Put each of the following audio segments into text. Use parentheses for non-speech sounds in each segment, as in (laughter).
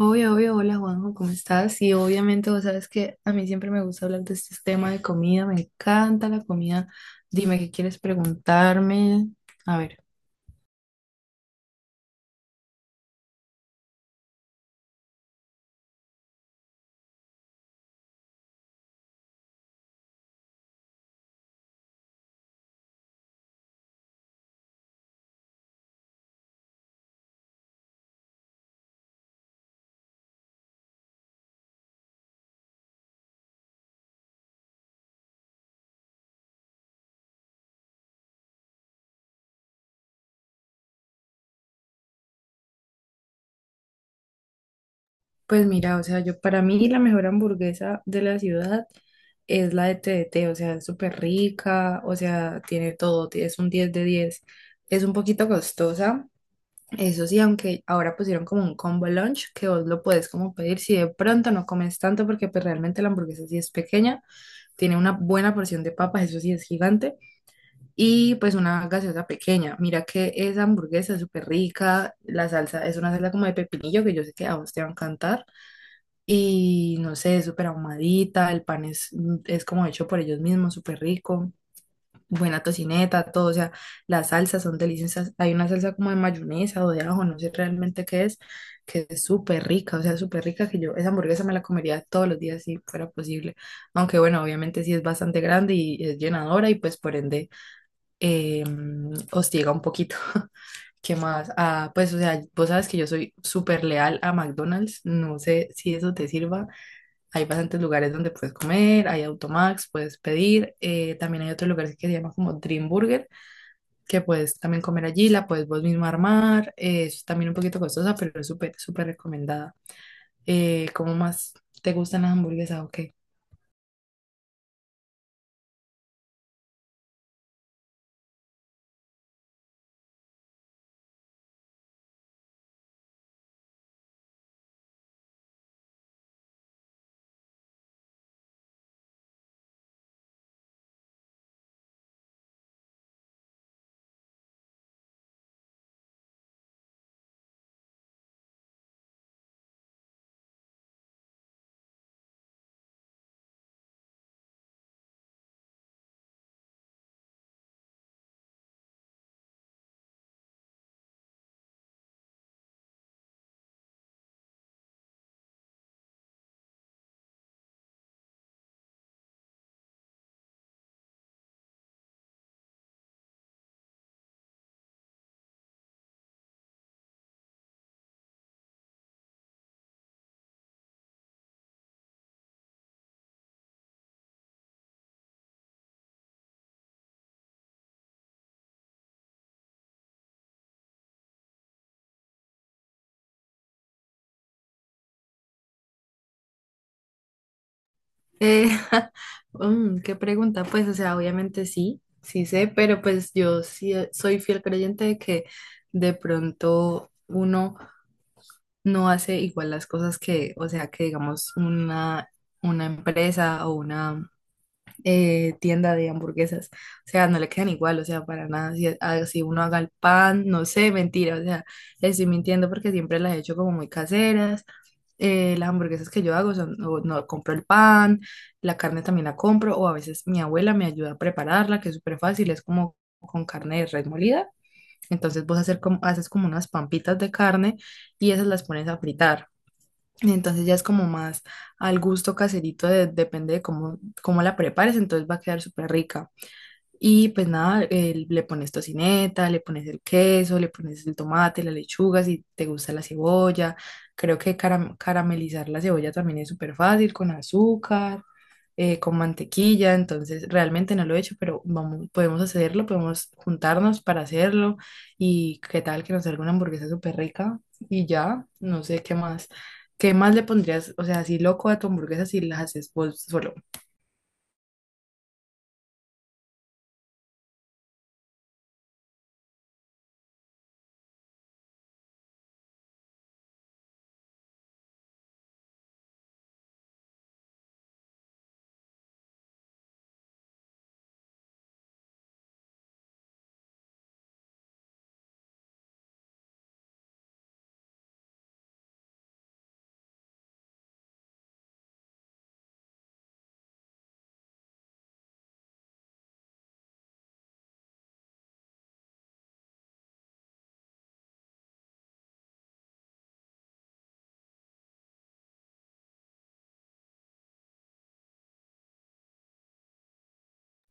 Obvio, obvio, hola Juanjo, ¿cómo estás? Y obviamente vos sabes que a mí siempre me gusta hablar de este tema de comida, me encanta la comida. Dime qué quieres preguntarme. A ver, pues mira, o sea, yo para mí la mejor hamburguesa de la ciudad es la de TDT, o sea, es súper rica, o sea, tiene todo, es un 10 de 10. Es un poquito costosa, eso sí, aunque ahora pusieron como un combo lunch que vos lo puedes como pedir si de pronto no comes tanto porque pues realmente la hamburguesa sí es pequeña. Tiene una buena porción de papas, eso sí es gigante, y pues una gaseosa pequeña. Mira que esa hamburguesa es súper rica, la salsa es una salsa como de pepinillo que yo sé que a vos te va a encantar, y no sé, es súper ahumadita, el pan es como hecho por ellos mismos, súper rico, buena tocineta, todo, o sea, las salsas son deliciosas. Hay una salsa como de mayonesa o de ajo, no sé realmente qué es, que es súper rica, o sea, súper rica, que yo esa hamburguesa me la comería todos los días si fuera posible. Aunque bueno, obviamente sí es bastante grande y es llenadora y pues por ende, eh, hostiga un poquito. (laughs) ¿Qué más? Ah, pues o sea, vos sabes que yo soy súper leal a McDonald's, no sé si eso te sirva. Hay bastantes lugares donde puedes comer, hay Automax, puedes pedir, también hay otro lugar que se llama como Dream Burger, que puedes también comer allí, la puedes vos mismo armar, es también un poquito costosa, pero es súper, súper recomendada. ¿Cómo más te gustan las hamburguesas o qué? Eh, (laughs) qué pregunta, pues, o sea, obviamente sí, sí sé, pero pues yo sí, soy fiel creyente de que de pronto uno no hace igual las cosas que, o sea, que digamos una empresa o una tienda de hamburguesas. O sea, no le quedan igual, o sea, para nada. Si, si uno haga el pan, no sé, mentira, o sea, les estoy mintiendo porque siempre las he hecho como muy caseras. Las hamburguesas que yo hago son, o no compro el pan, la carne también la compro, o a veces mi abuela me ayuda a prepararla, que es súper fácil, es como con carne de res molida. Entonces vos hacer como, haces como unas pampitas de carne y esas las pones a fritar. Entonces ya es como más al gusto caserito, depende de cómo, cómo la prepares, entonces va a quedar súper rica. Y pues nada, le pones tocineta, le pones el queso, le pones el tomate, la lechuga, si te gusta la cebolla. Creo que caramelizar la cebolla también es súper fácil con azúcar, con mantequilla. Entonces, realmente no lo he hecho, pero vamos, podemos hacerlo, podemos juntarnos para hacerlo. Y qué tal que nos salga una hamburguesa súper rica y ya, no sé qué más. ¿Qué más le pondrías? O sea, así loco a tu hamburguesa si la haces vos solo.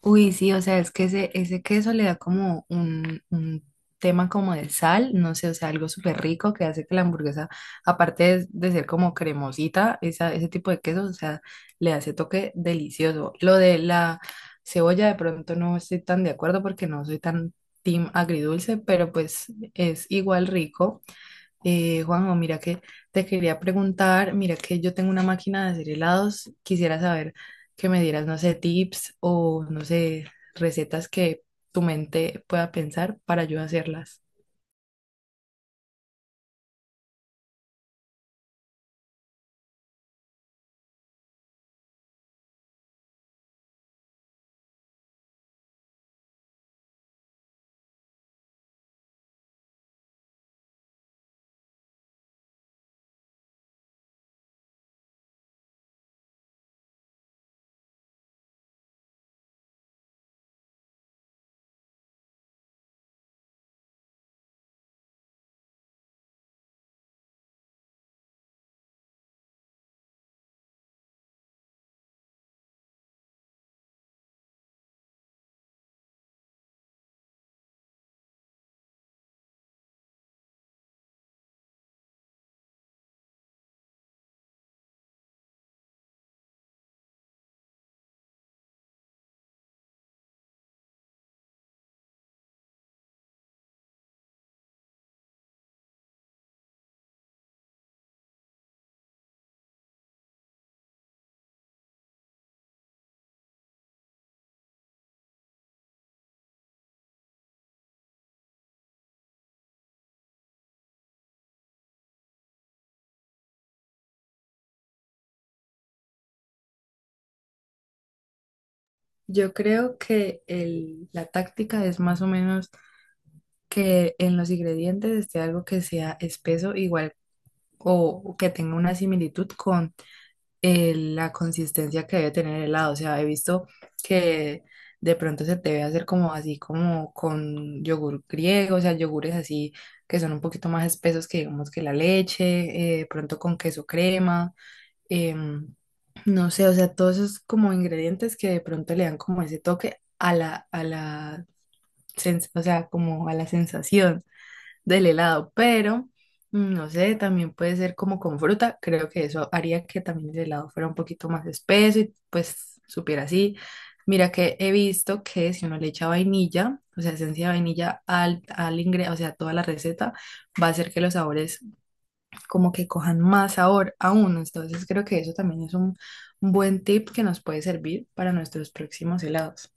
Uy, sí, o sea, es que ese queso le da como un tema como de sal, no sé, o sea, algo súper rico que hace que la hamburguesa, aparte de ser como cremosita, esa, ese tipo de queso, o sea, le hace toque delicioso. Lo de la cebolla, de pronto no estoy tan de acuerdo porque no soy tan team agridulce, pero pues es igual rico. Juanjo, mira que te quería preguntar, mira que yo tengo una máquina de hacer helados, quisiera saber que me dieras, no sé, tips o, no sé, recetas que tu mente pueda pensar para yo hacerlas. Yo creo que la táctica es más o menos que en los ingredientes esté algo que sea espeso, igual o que tenga una similitud, la consistencia que debe tener el helado. O sea, he visto que de pronto se te debe hacer como así, como con yogur griego, o sea, yogures así que son un poquito más espesos que digamos que la leche, de pronto con queso crema, em, no sé, o sea, todos esos como ingredientes que de pronto le dan como ese toque a la, o sea, como a la sensación del helado, pero no sé, también puede ser como con fruta. Creo que eso haría que también el helado fuera un poquito más espeso y pues supiera así. Mira que he visto que si uno le echa vainilla, o sea, esencia de vainilla al, al o sea, a toda la receta, va a hacer que los sabores como que cojan más sabor aún. Entonces creo que eso también es un buen tip que nos puede servir para nuestros próximos helados.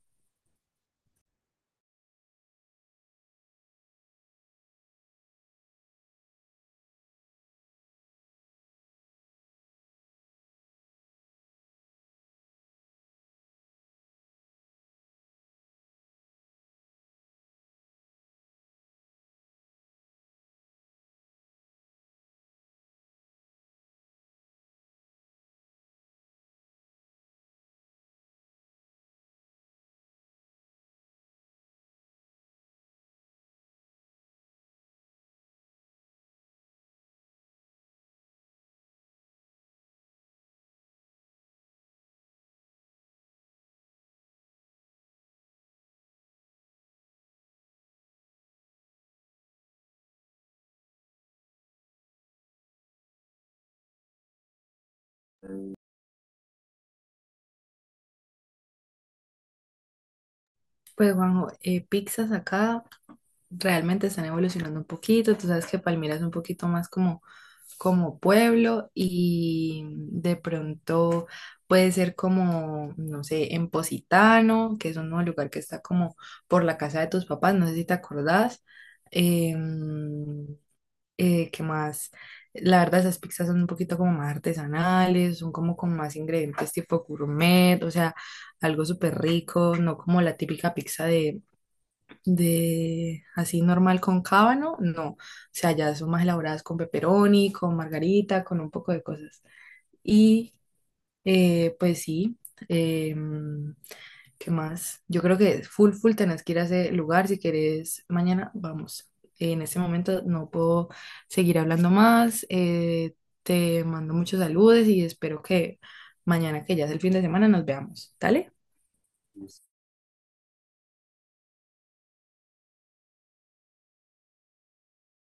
Pues Juanjo, pizzas acá, realmente están evolucionando un poquito. Tú sabes que Palmira es un poquito más como, como pueblo y de pronto puede ser como, no sé, en Positano, que es un nuevo lugar que está como por la casa de tus papás, no sé si te acordás. Em, ¿Qué más? La verdad, esas pizzas son un poquito como más artesanales, son como con más ingredientes tipo gourmet, o sea, algo súper rico, no como la típica pizza de así normal con cábano, no. O sea, ya son más elaboradas con pepperoni, con margarita, con un poco de cosas. Y pues sí, em, ¿qué más? Yo creo que full, full tenés que ir a ese lugar si querés. Mañana vamos. En este momento no puedo seguir hablando más. Te mando muchos saludos y espero que mañana, que ya es el fin de semana, nos veamos. ¿Dale?